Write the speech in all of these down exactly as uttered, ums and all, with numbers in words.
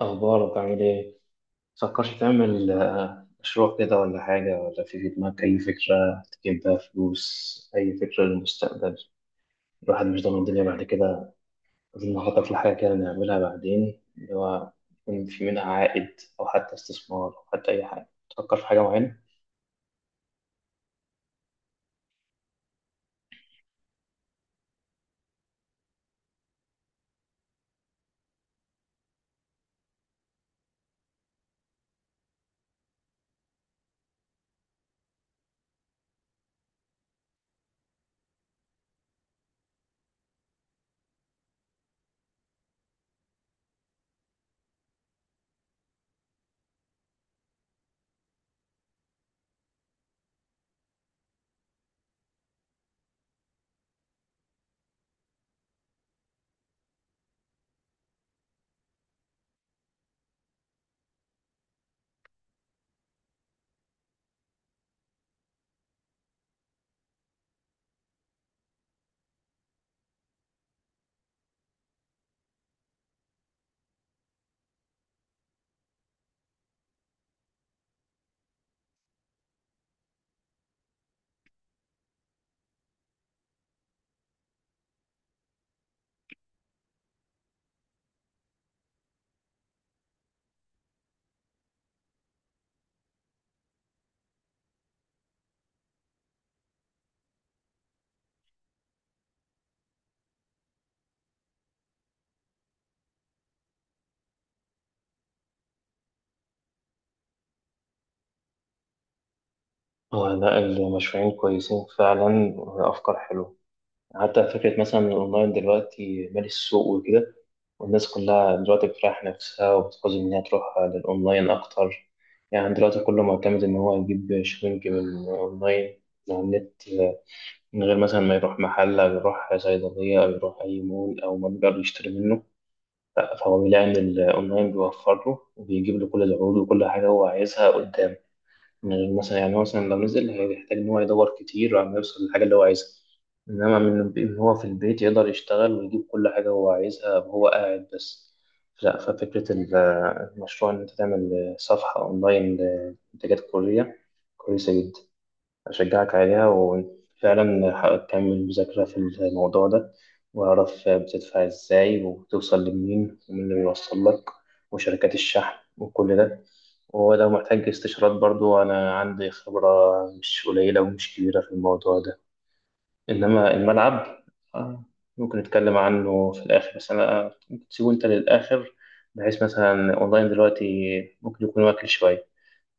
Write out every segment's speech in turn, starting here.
أخبارك عامل إيه؟ متفكرش تعمل آه، مشروع كده ولا حاجة، ولا في في دماغك أي فكرة تجيب بيها فلوس، أي فكرة للمستقبل؟ الواحد مش ضامن الدنيا بعد كده، لازم نخطط لحاجة كده نعملها بعدين، اللي هو يكون في منها عائد أو حتى استثمار، أو حتى أي حاجة. تفكر في حاجة معينة؟ آه، لا، المشروعين كويسين فعلا وأفكار حلوة. حتى فكرة مثلا الأونلاين دلوقتي مالي السوق وكده، والناس كلها دلوقتي بتريح نفسها وبتقصد إن هي تروح للأونلاين أكتر. يعني دلوقتي كله معتمد إن هو يجيب شوينج من أونلاين، من على النت، من غير مثلا ما يروح محل أو يروح صيدلية أو يروح أي مول أو متجر يشتري منه. لأ، فهو بيلاقي إن الأونلاين بيوفر له وبيجيب له كل العروض وكل حاجة هو عايزها قدامه. من مثلا يعني هو مثلا لو نزل هيحتاج إن هو يدور كتير عشان يوصل للحاجة اللي هو عايزها، إنما من الب- إن هو في البيت يقدر يشتغل ويجيب كل حاجة هو عايزها وهو قاعد بس. لا، ففكرة ال- المشروع إن أنت تعمل صفحة أونلاين لمنتجات كورية كويسة جدا. أشجعك عليها، وفعلا ح- تكمل مذاكرة في الموضوع ده، وأعرف بتدفع إزاي وتوصل لمين ومين اللي بيوصل لك وشركات الشحن وكل ده. ولو محتاج استشارات برضو أنا عندي خبرة مش قليلة ومش كبيرة في الموضوع ده. إنما الملعب، آه، ممكن نتكلم عنه في الآخر، بس أنا ممكن تسيبه أنت للآخر، بحيث مثلا أونلاين دلوقتي ممكن يكون واكل شوية.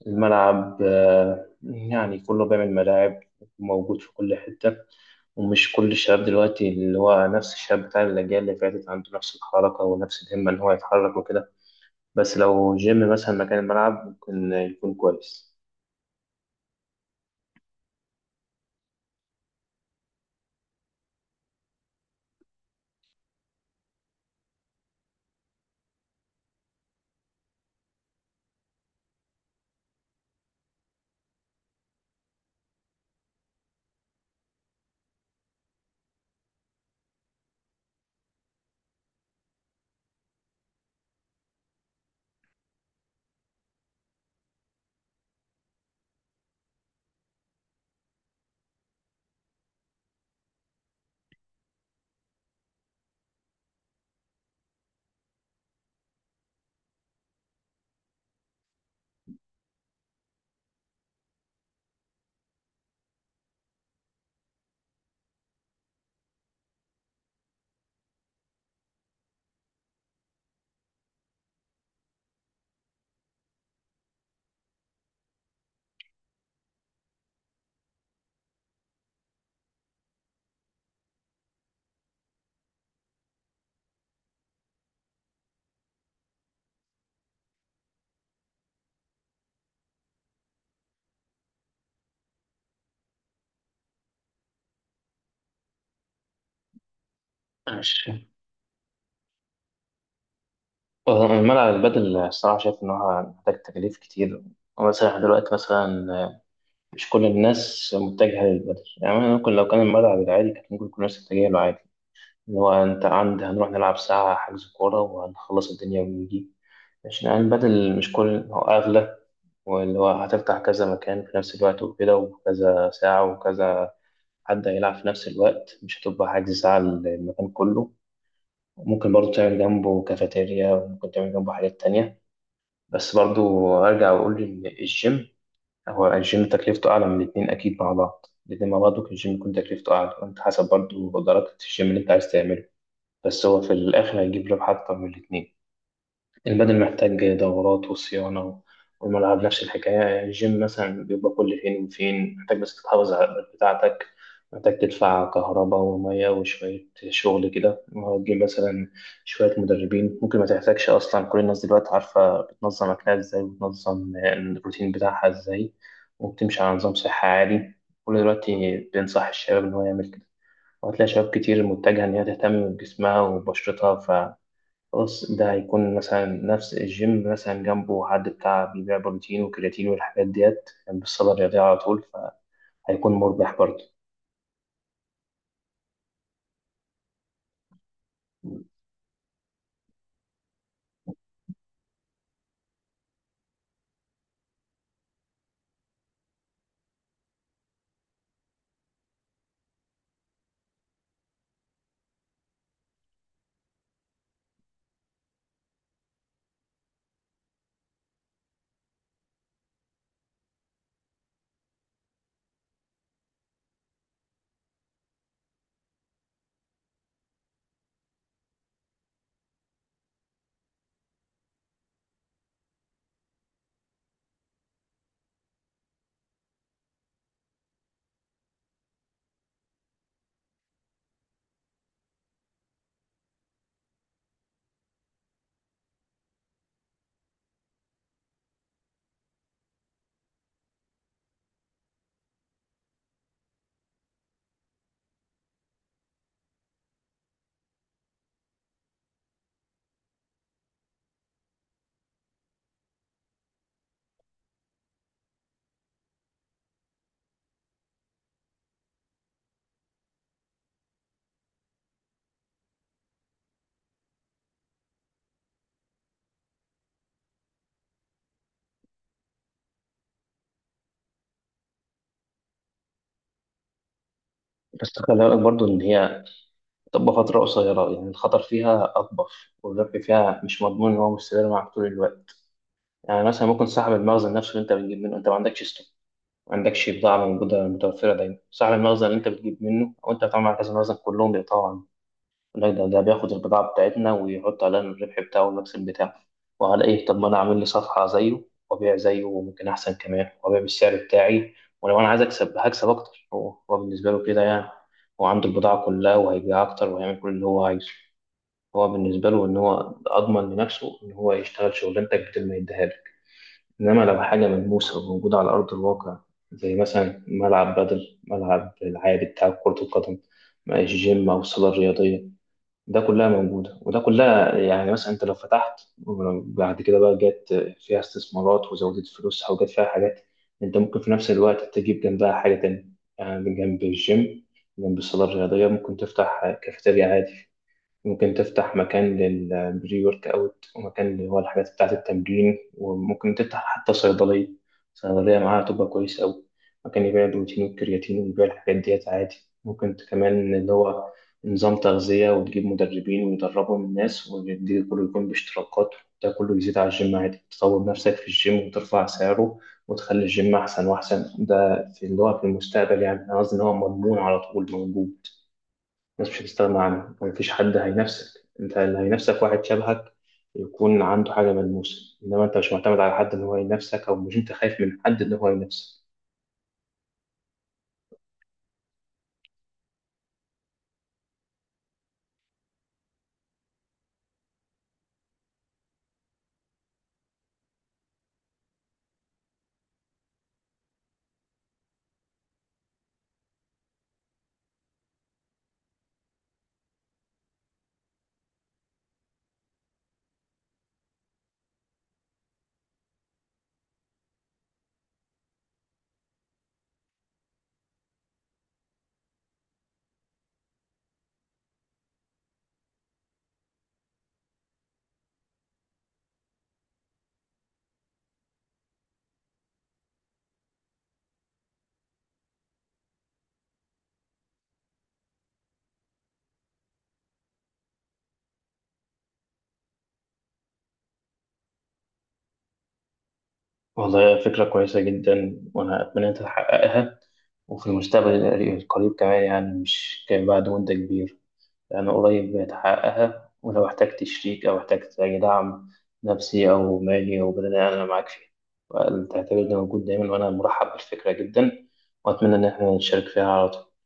الملعب، آه، يعني كله بيعمل ملاعب، موجود في كل حتة. ومش كل الشباب دلوقتي اللي هو نفس الشباب بتاع الأجيال اللي فاتت عنده نفس الحركة ونفس الهمة إن هو يتحرك وكده، بس لو جيم مثلا مكان الملعب ممكن يكون كويس. ماشي. آه، الملعب البدل الصراحة شايف إن هو محتاج تكاليف كتير. مثلا إحنا دلوقتي مثلا، آه، مش كل الناس متجهة للبدل. يعني ممكن لو كان الملعب العادي كانت ممكن كل الناس تتجه له عادي. اللي هو انت عند هنروح نلعب ساعة، حجز كورة، وهنخلص الدنيا ونيجي. عشان يعني البدل مش كل هو أغلى، واللي هو هتفتح كذا مكان في نفس الوقت وكده، وكذا ساعة وكذا حد هيلعب في نفس الوقت، مش هتبقى حجز ساعة المكان كله. ممكن برضو تعمل جنبه كافيتيريا، وممكن تعمل جنبه حاجات تانية. بس برضو أرجع وأقول إن الجيم، هو الجيم تكلفته أعلى من الاتنين أكيد. مع بعض الاتنين مع بعض ممكن الجيم يكون تكلفته أعلى، وأنت حسب برضو درجة الجيم اللي أنت عايز تعمله. بس هو في الآخر هيجيب ربح أكتر من الاتنين. البدن محتاج دورات وصيانة، والملعب نفس الحكاية. يعني الجيم مثلا بيبقى كل فين وفين محتاج بس تحافظ على الأوقات بتاعتك، محتاج تدفع كهرباء ومية وشوية شغل كده. وهتجيب مثلا شوية مدربين، ممكن ما تحتاجش أصلا. كل الناس دلوقتي عارفة بتنظم أكلها إزاي، وبتنظم الروتين بتاعها إزاي، وبتمشي على نظام صحي عالي. كل دلوقتي بينصح الشباب إن هو يعمل كده، وهتلاقي شباب كتير متجهة إن هي تهتم بجسمها وبشرتها. فخلاص ده هيكون مثلا نفس الجيم مثلا جنبه حد بتاع بيبيع بروتين وكرياتين والحاجات ديت جنب الصالة الرياضية على طول، فهيكون مربح برضه. بس خلي بالك برضه إن هي تبقى فترة قصيرة، يعني الخطر فيها أطبخ، والربح فيها مش مضمون إن هو مستمر معاك طول الوقت. يعني مثلا ممكن صاحب المخزن نفسه اللي أنت بتجيب منه، أنت ما عندكش ستوك، ما عندكش بضاعة موجودة متوفرة دايما، صاحب المخزن اللي أنت بتجيب منه أو أنت بتعمل على كذا مخزن كلهم بيقطعوا عنك. لا، ده, ده بياخد البضاعة بتاعتنا ويحط عليها الربح بتاعه والمكسب بتاعه. وعلى إيه؟ طب ما أنا أعمل لي صفحة زيه وأبيع زيه، وممكن أحسن كمان، وأبيع بالسعر بتاعي. ولو أنا عايز أكسب هكسب أكتر. هو هو بالنسبة له كده يعني، هو عنده البضاعة كلها وهيبيع أكتر وهيعمل كل اللي هو عايزه. هو بالنسبة له إن هو أضمن لنفسه إن هو يشتغل شغلانتك بدل ما يديها لك. إنما لو حاجة ملموسة وموجودة على أرض الواقع، زي مثلا ملعب بدل، ملعب العادي بتاع كرة القدم، جيم أو صالة رياضية، ده كلها موجودة، وده كلها يعني مثلا أنت لو فتحت، وبعد كده بقى جت فيها استثمارات وزودت فلوسها وجت فيها حاجات، أنت ممكن في نفس الوقت تجيب جنبها حاجة تانية. يعني جنب الجيم، جنب الصالة الرياضية ممكن تفتح كافيتيريا عادي، ممكن تفتح مكان للبري ورك اوت ومكان اللي هو الحاجات بتاعة التمرين، وممكن تفتح حتى صيدلية. صيدلية معاها تبقى كويس أوي. مكان يبيع البروتين والكرياتين ويبيع الحاجات ديت عادي. ممكن كمان اللي هو نظام تغذية وتجيب مدربين ويدربوا الناس، وده كله يكون باشتراكات. ده كله يزيد على الجيم عادي، تطور نفسك في الجيم وترفع سعره وتخلي الجيم أحسن وأحسن. ده في اللي هو في المستقبل، يعني أنا قصدي إن هو مضمون على طول موجود. الناس مش هتستغنى عنه، ومفيش حد هينافسك. انت اللي هينافسك واحد شبهك يكون عنده حاجة ملموسة، انما انت مش معتمد على حد ان هو ينافسك، او مش انت خايف من حد ان هو ينافسك. والله فكرة كويسة جدا، وانا اتمنى انت تحققها وفي المستقبل القريب كمان، يعني مش كان بعد مدة كبيرة، انا قريب هتحققها. ولو احتجت شريك او احتجت اي دعم نفسي او مالي او بدني انا معاك فيه. تعتبرني موجود دايما، وانا مرحب بالفكرة جدا، واتمنى ان احنا نشارك فيها على طول.